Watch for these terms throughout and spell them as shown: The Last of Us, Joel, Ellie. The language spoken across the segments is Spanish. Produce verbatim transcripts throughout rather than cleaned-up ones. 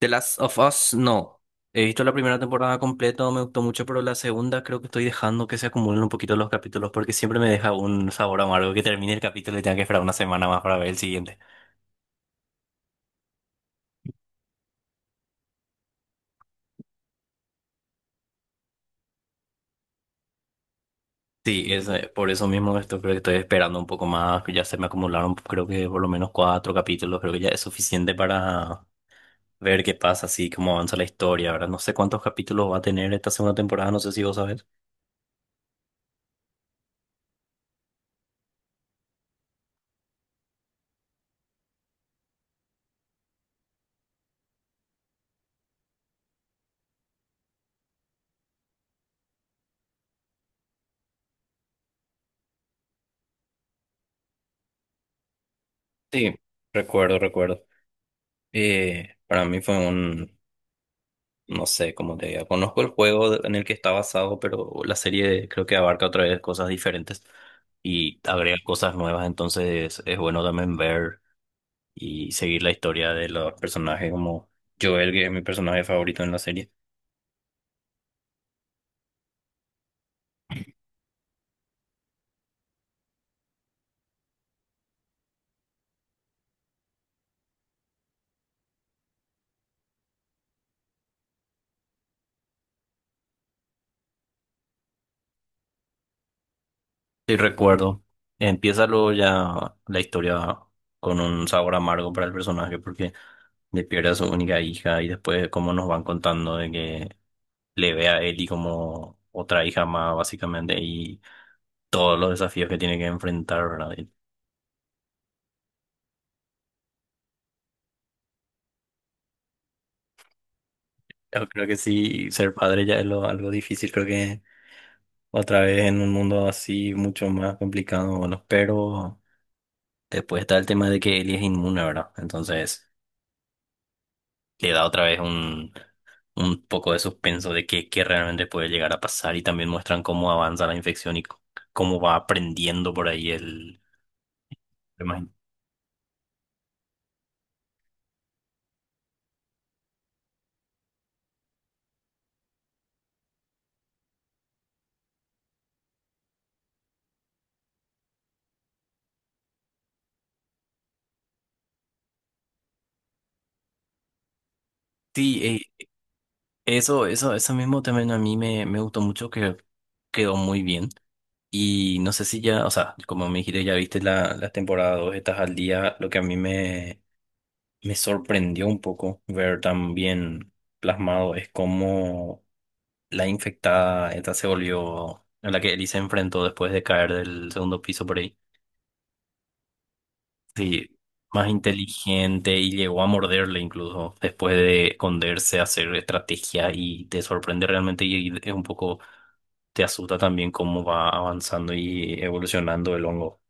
The Last of Us, no. He visto la primera temporada completa, me gustó mucho, pero la segunda creo que estoy dejando que se acumulen un poquito los capítulos porque siempre me deja un sabor amargo que termine el capítulo y tenga que esperar una semana más para ver el siguiente. Sí, es eh, por eso mismo esto creo que estoy esperando un poco más, que ya se me acumularon creo que por lo menos cuatro capítulos, creo que ya es suficiente para ver qué pasa, así cómo avanza la historia, ahora no sé cuántos capítulos va a tener esta segunda temporada, no sé si vos sabés. Sí, recuerdo, recuerdo. Eh, para mí fue un... No sé cómo te diga. Conozco el juego de- en el que está basado, pero la serie creo que abarca otra vez cosas diferentes y agrega cosas nuevas. Entonces es bueno también ver y seguir la historia de los personajes como Joel, que es mi personaje favorito en la serie. Sí, recuerdo. Empieza luego ya la historia con un sabor amargo para el personaje porque le pierde a su única hija y después cómo nos van contando de que le ve a Ellie como otra hija más, básicamente, y todos los desafíos que tiene que enfrentar, ¿verdad? Y... Yo creo que sí, ser padre ya es lo, algo difícil, creo que otra vez en un mundo así mucho más complicado, bueno, pero después está el tema de que Ellie es inmune, ¿verdad? Entonces le da otra vez un, un poco de suspenso de qué qué realmente puede llegar a pasar y también muestran cómo avanza la infección y c- cómo va aprendiendo por ahí el... tema. Sí, eh, eso, eso, eso mismo también a mí me, me gustó mucho que quedó muy bien. Y no sé si ya, o sea, como me dijiste, ya viste la, la temporada dos, estás al día. Lo que a mí me, me sorprendió un poco ver tan bien plasmado es cómo la infectada esta se volvió, a la que Ellie se enfrentó después de caer del segundo piso por ahí. Sí, más inteligente, y llegó a morderle incluso después de esconderse, hacer estrategia, y te sorprende realmente y es un poco, te asusta también cómo va avanzando y evolucionando el hongo.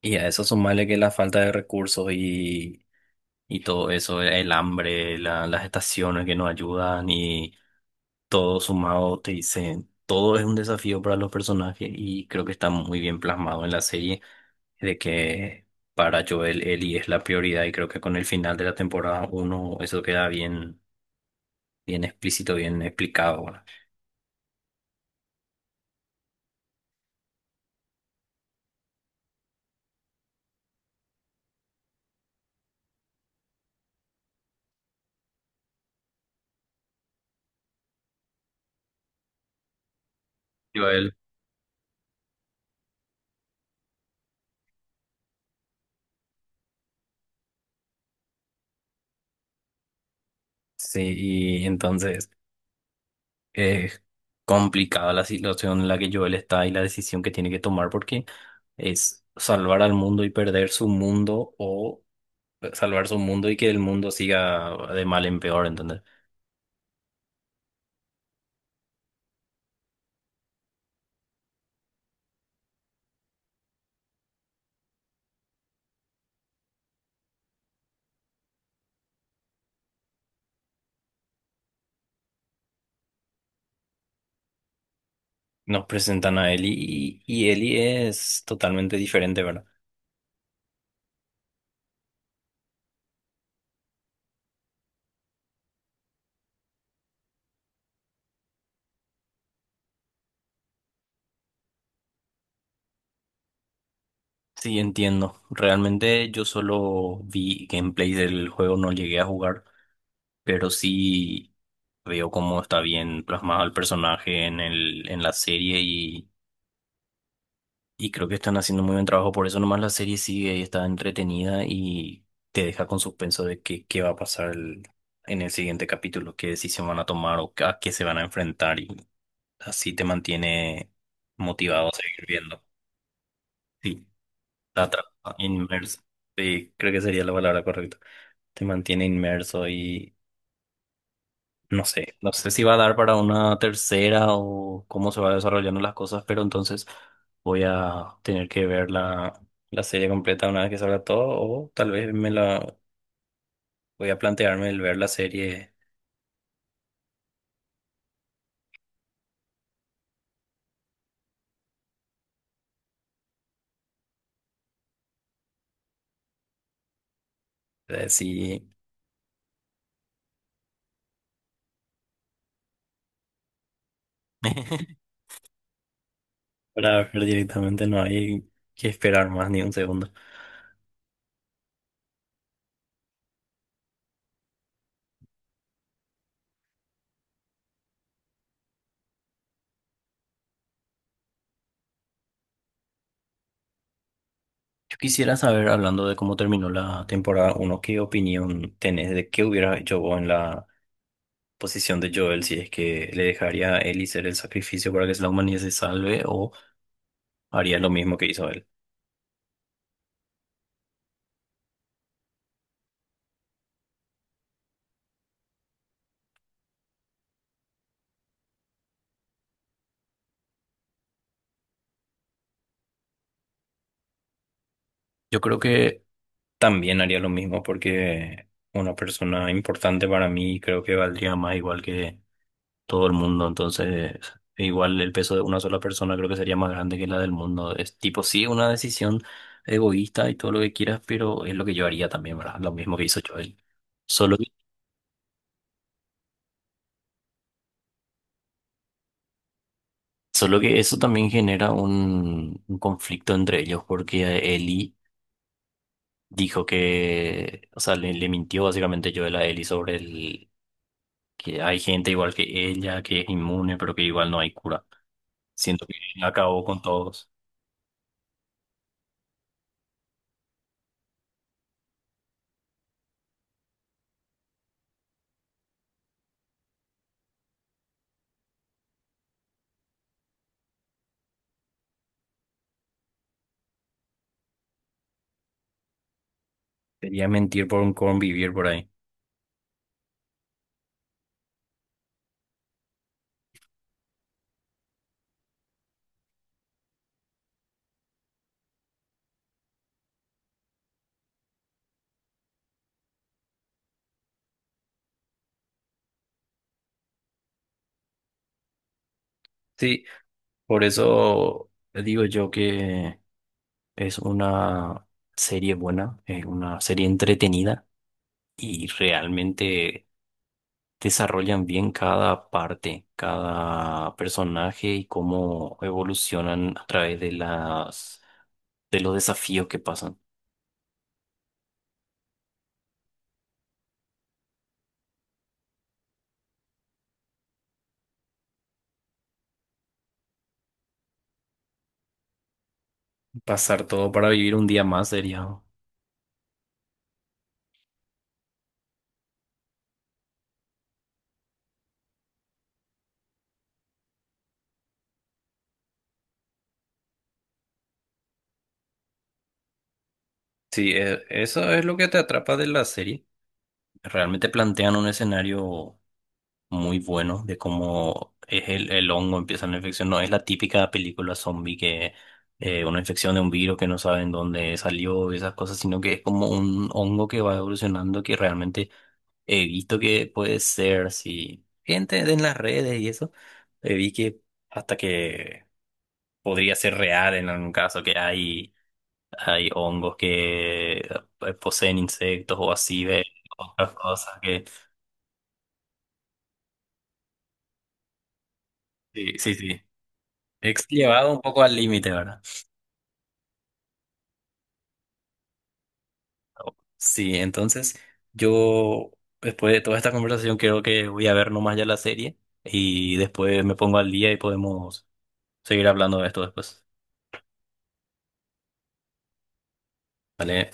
Y a eso sumarle que la falta de recursos y, y todo eso, el hambre, la- las estaciones que no ayudan y todo sumado, te dicen, todo es un desafío para los personajes y creo que está muy bien plasmado en la serie de que para Joel Ellie es la prioridad y creo que con el final de la temporada uno eso queda bien, bien explícito, bien explicado, ¿verdad? Joel. Sí, y entonces... Es complicada la situación en la que Joel está y la decisión que tiene que tomar porque es salvar al mundo y perder su mundo, o salvar su mundo y que el mundo siga de mal en peor, ¿entendés? Nos presentan a Ellie, y, y Ellie es totalmente diferente, ¿verdad? Sí, entiendo. Realmente yo solo vi gameplay del juego, no llegué a jugar, pero sí veo cómo está bien plasmado el personaje en el, en la serie. Y creo que están haciendo muy buen trabajo, por eso nomás la serie sigue y está entretenida y te deja con suspenso de qué, qué va a pasar el- en el siguiente capítulo, qué decisión van a tomar o a qué se van a enfrentar, y así te mantiene motivado a seguir viendo. Sí, la atrapa, inmerso. Sí, creo que sería la palabra correcta. Te mantiene inmerso y... No sé, no sé si va a dar para una tercera o cómo se va desarrollando las cosas, pero entonces voy a tener que ver la, la serie completa una vez que salga todo, o tal vez me la voy a plantearme el ver la serie. Eh, si para ver directamente no hay que esperar más ni un segundo. Yo quisiera saber, hablando de cómo terminó la temporada uno, ¿qué opinión tenés de qué hubiera hecho vos en la posición de Joel? Si es que le dejaría a Ellie ser el sacrificio para que la humanidad se salve, haría lo mismo que hizo él. Yo creo que también haría lo mismo porque una persona importante para mí creo que valdría más igual que todo el mundo. Entonces, igual el peso de una sola persona creo que sería más grande que la del mundo. Es tipo, sí, una decisión egoísta y todo lo que quieras, pero es lo que yo haría también, ¿verdad? Lo mismo que hizo Joel. Solo que, solo que eso también genera un, un conflicto entre ellos porque Eli dijo que, o sea, le, le mintió básicamente Joel a Eli sobre el que hay gente igual que ella que es inmune, pero que igual no hay cura. Siento que acabó con todos. Sería mentir por un convivir por ahí. Sí, por eso digo yo que es una serie buena, es una serie entretenida y realmente desarrollan bien cada parte, cada personaje y cómo evolucionan a través de las de los desafíos que pasan. Pasar todo para vivir un día más sería. Sí, e- eso es lo que te atrapa de la serie. Realmente plantean un escenario muy bueno de cómo es el, el hongo, empieza la infección. No es la típica película zombie que eh, una infección de un virus que no saben dónde salió y esas cosas, sino que es como un hongo que va evolucionando, que realmente he visto que puede ser, si gente en las redes y eso, eh, vi que hasta que podría ser real en algún caso que hay hay hongos que eh, poseen insectos o así, ve otras cosas que... Sí, sí, sí. He llevado un poco al límite, ¿verdad? Sí, entonces yo después de toda esta conversación creo que voy a ver nomás ya la serie y después me pongo al día y podemos seguir hablando de esto después. ¿Vale?